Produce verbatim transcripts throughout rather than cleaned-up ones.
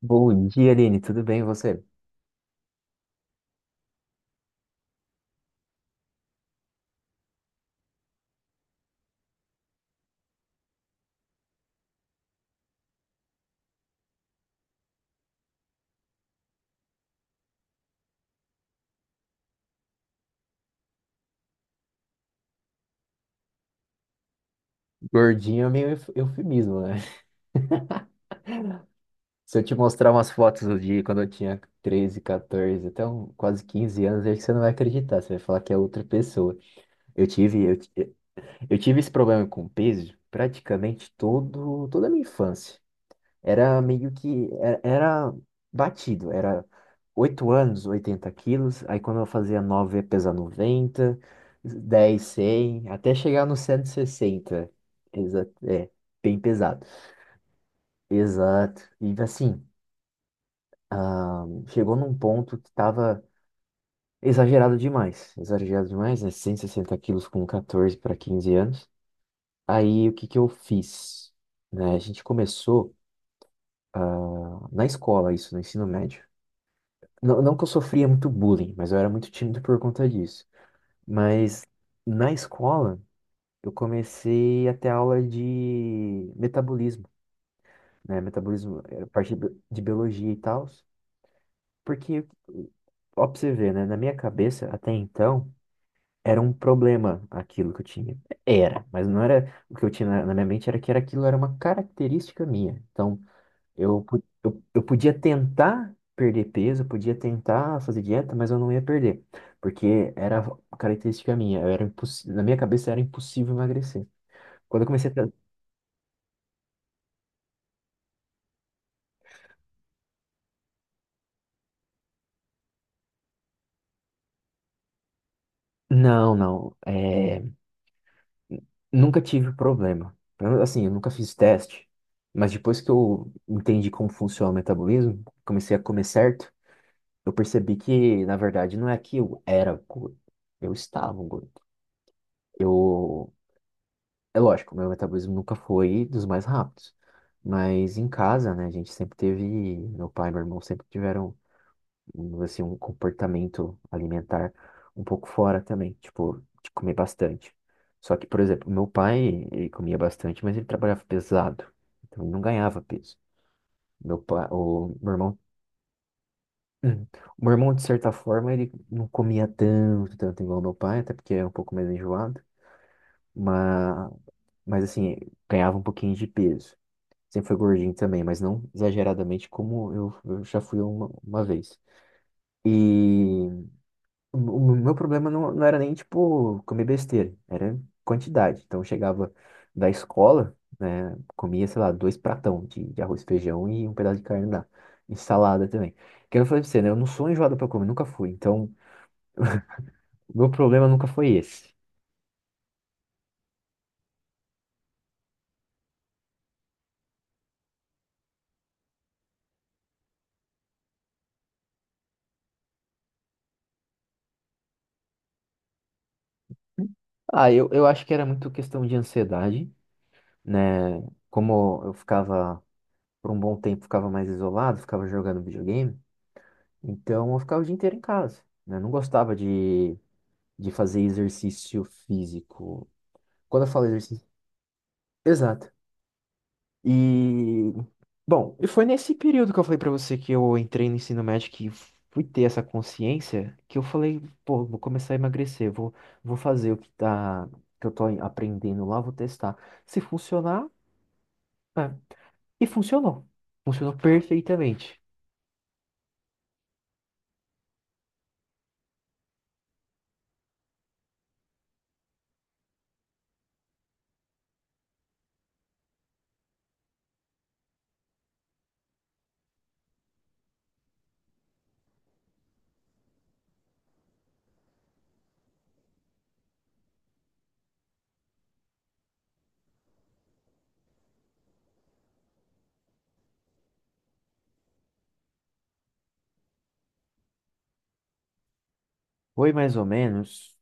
Bom dia, Aline. Tudo bem, e você? Gordinho é meio euf- eufemismo, né? Se eu te mostrar umas fotos do dia quando eu tinha treze, catorze, até um- quase quinze anos, acho que você não vai acreditar. Você vai falar que é outra pessoa. Eu tive, eu, ti- eu tive esse problema com peso praticamente todo, toda a minha infância. Era meio que. Era, era batido. Era oito anos, oitenta quilos. Aí quando eu fazia nove ia pesar noventa, dez, cem, até chegar no cento e sessenta. Exato. É, bem pesado. Exato. E assim, ah, chegou num ponto que tava exagerado demais. Exagerado demais, né? Cento e sessenta quilos com catorze para quinze anos. Aí o que que eu fiz? Né, a gente começou na escola, isso, no ensino médio. Não, não que eu sofria muito bullying, mas eu era muito tímido por conta disso. Mas na escola, eu comecei a ter aula de metabolismo, né? Metabolismo era parte de bi- de biologia e tal. Porque, ó, pra você ver, né? Na minha cabeça, até então, era um problema aquilo que eu tinha. Era, mas não era o que eu tinha na, na minha mente, era que era aquilo era uma característica minha. Então, Eu, po- eu, eu podia tentar perder peso, eu podia tentar fazer dieta, mas eu não ia perder, porque era uma característica minha, eu era impossi- na minha cabeça era impossível emagrecer. Quando eu comecei a tra- Não, não, é, nunca tive problema. Pra- Assim, eu nunca fiz teste, mas depois que eu entendi como funciona o metabolismo, comecei a comer certo, eu percebi que, na verdade, não é que eu era gordo, eu estava gordo. Eu É lógico, meu metabolismo nunca foi dos mais rápidos. Mas em casa, né, a gente sempre teve, meu pai e meu irmão sempre tiveram, um, assim, um comportamento alimentar um pouco fora também, tipo, de comer bastante. Só que, por exemplo, meu pai, ele comia bastante, mas ele trabalhava pesado, então ele não ganhava peso. Meu pai, o meu irmão, Hum. O meu irmão, de certa forma, ele não comia tanto, tanto igual meu pai, até porque é um pouco mais enjoado, mas, mas assim, ganhava um pouquinho de peso. Sempre foi gordinho também, mas não exageradamente como eu, eu já fui uma, uma vez. E o, o meu problema não, não era nem, tipo, comer besteira, era quantidade. Então eu chegava da escola, né, comia, sei lá, dois pratão de, de arroz, feijão e um pedaço de carne lá. E salada também. Que eu falei pra você, né, eu não sou enjoado pra comer, nunca fui. Então, o meu problema nunca foi esse. Ah, eu, eu acho que era muito questão de ansiedade, né? Como eu ficava por um bom tempo ficava mais isolado, ficava jogando videogame, então eu ficava o dia inteiro em casa, né? Não gostava de, de fazer exercício físico. Quando eu falo exercício, exato. E bom, e foi nesse período que eu falei pra você que eu entrei no ensino médio que fui ter essa consciência que eu falei, pô, vou começar a emagrecer, vou vou fazer o que tá que eu tô aprendendo lá, vou testar. Se funcionar, é. E funcionou. Funcionou perfeitamente. Foi mais ou menos.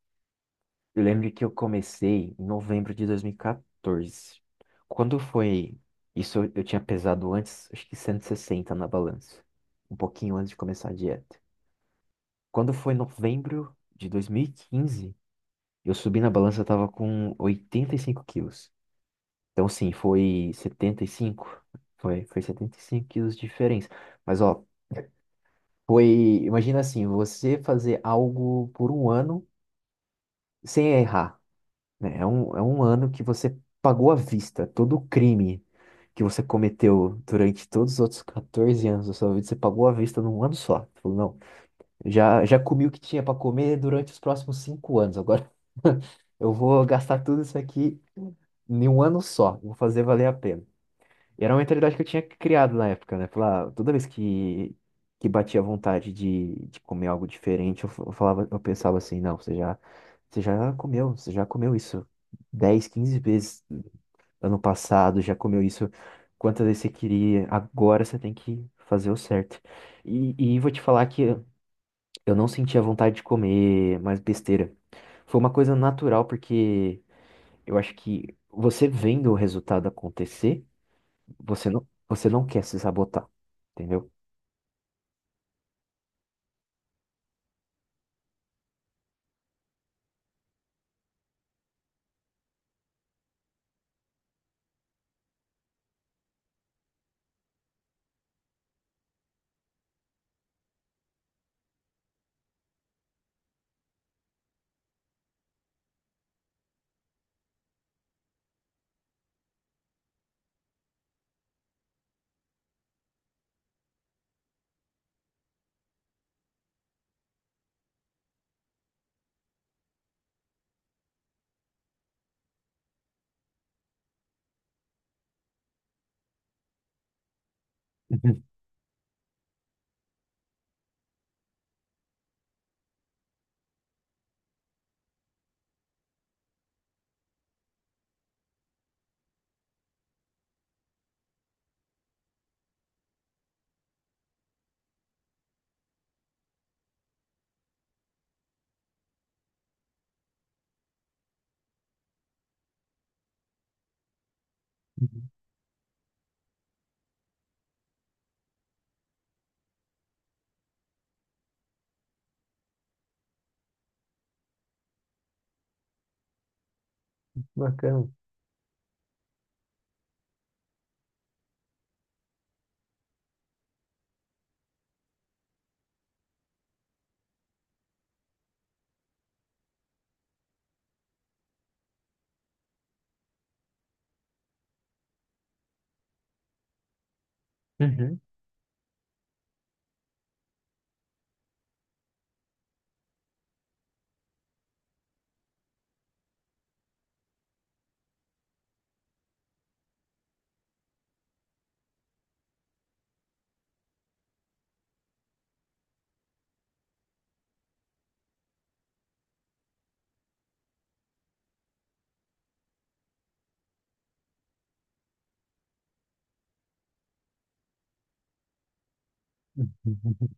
Eu lembro que eu comecei em novembro de dois mil e quatorze. Quando foi isso, eu eu tinha pesado antes, acho que cento e sessenta na balança, um pouquinho antes de começar a dieta. Quando foi novembro de dois mil e quinze, eu subi na balança, eu tava com oitenta e cinco quilos. Então, sim, foi setenta e cinco, foi, foi setenta e cinco quilos de diferença. Mas, ó, foi, imagina assim, você fazer algo por um ano sem errar. Né? É um, é um ano que você pagou à vista todo o crime que você cometeu durante todos os outros catorze anos da sua vida, você pagou à vista num ano só. Você falou, não, já, já comi o que tinha para comer durante os próximos cinco anos, agora eu vou gastar tudo isso aqui em um ano só, vou fazer valer a pena. E era uma mentalidade que eu tinha criado na época, né? Falar, toda vez que, que batia vontade de, de comer algo diferente, eu, f- eu falava, eu pensava assim, não, você já, você já comeu, você já comeu isso dez, quinze vezes ano passado, já comeu isso quantas vezes você queria, agora você tem que fazer o certo. E, e vou te falar que eu não sentia vontade de comer mais besteira. Foi uma coisa natural, porque eu acho que você vendo o resultado acontecer, você não, você não quer se sabotar, entendeu? Uhum, uhum. Bacana. Uhum. Uhum.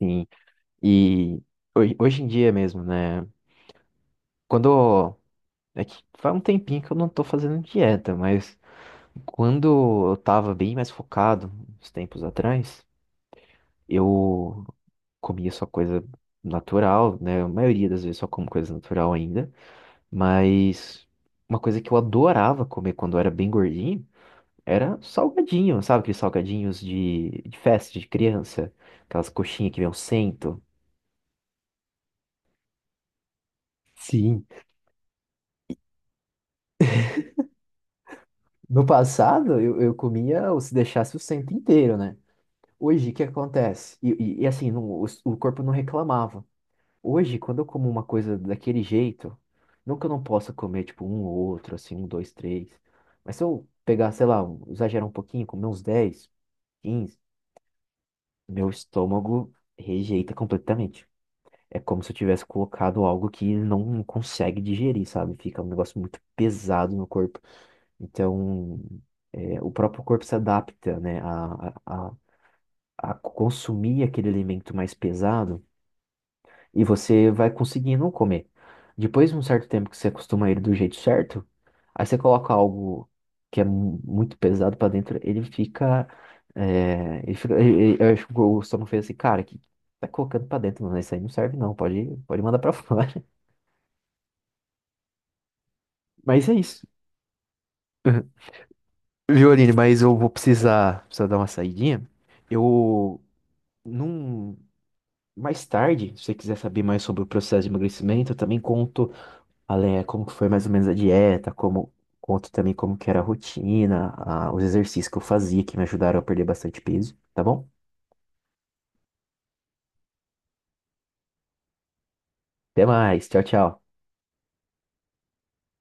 Sim. E hoje, hoje em dia mesmo, né? Quando. É que faz um tempinho que eu não tô fazendo dieta, mas quando eu tava bem mais focado, uns tempos atrás, eu comia só coisa natural, né? A maioria das vezes só como coisa natural ainda, mas uma coisa que eu adorava comer quando eu era bem gordinho. Era salgadinho, sabe aqueles salgadinhos de, de festa de criança? Aquelas coxinhas que vem o cento. Sim. No passado, eu, eu comia ou se deixasse o cento inteiro, né? Hoje, o que acontece? E, e- e assim, não- o, o corpo não reclamava. Hoje, quando eu como uma coisa daquele jeito, não que eu não possa comer, tipo, um ou outro, assim, um, dois, três. Mas se eu pegar, sei lá, um- exagerar um pouquinho, comer uns dez, quinze, meu estômago rejeita completamente. É como se eu tivesse colocado algo que ele não consegue digerir, sabe? Fica um negócio muito pesado no corpo. Então, é, o próprio corpo se adapta, né, a, a, a a consumir aquele alimento mais pesado e você vai conseguindo comer. Depois de um certo tempo que você acostuma ele do jeito certo, aí você coloca algo que é mu- muito pesado pra dentro, ele fica, é, ele fica, ele- ele- eu acho que o estômago fez assim, cara, que tá colocando pra dentro, mano, isso aí não serve não, pode, pode mandar pra fora. Mas é isso. Uhum. Viu, Aline? Mas eu vou precisar, precisar dar uma saidinha. Eu, num, mais tarde, se você quiser saber mais sobre o processo de emagrecimento, eu também conto além é, como que foi mais ou menos a dieta, como conto também como que era a rotina, a- os exercícios que eu fazia que me ajudaram a perder bastante peso, tá bom? Até mais, tchau, tchau.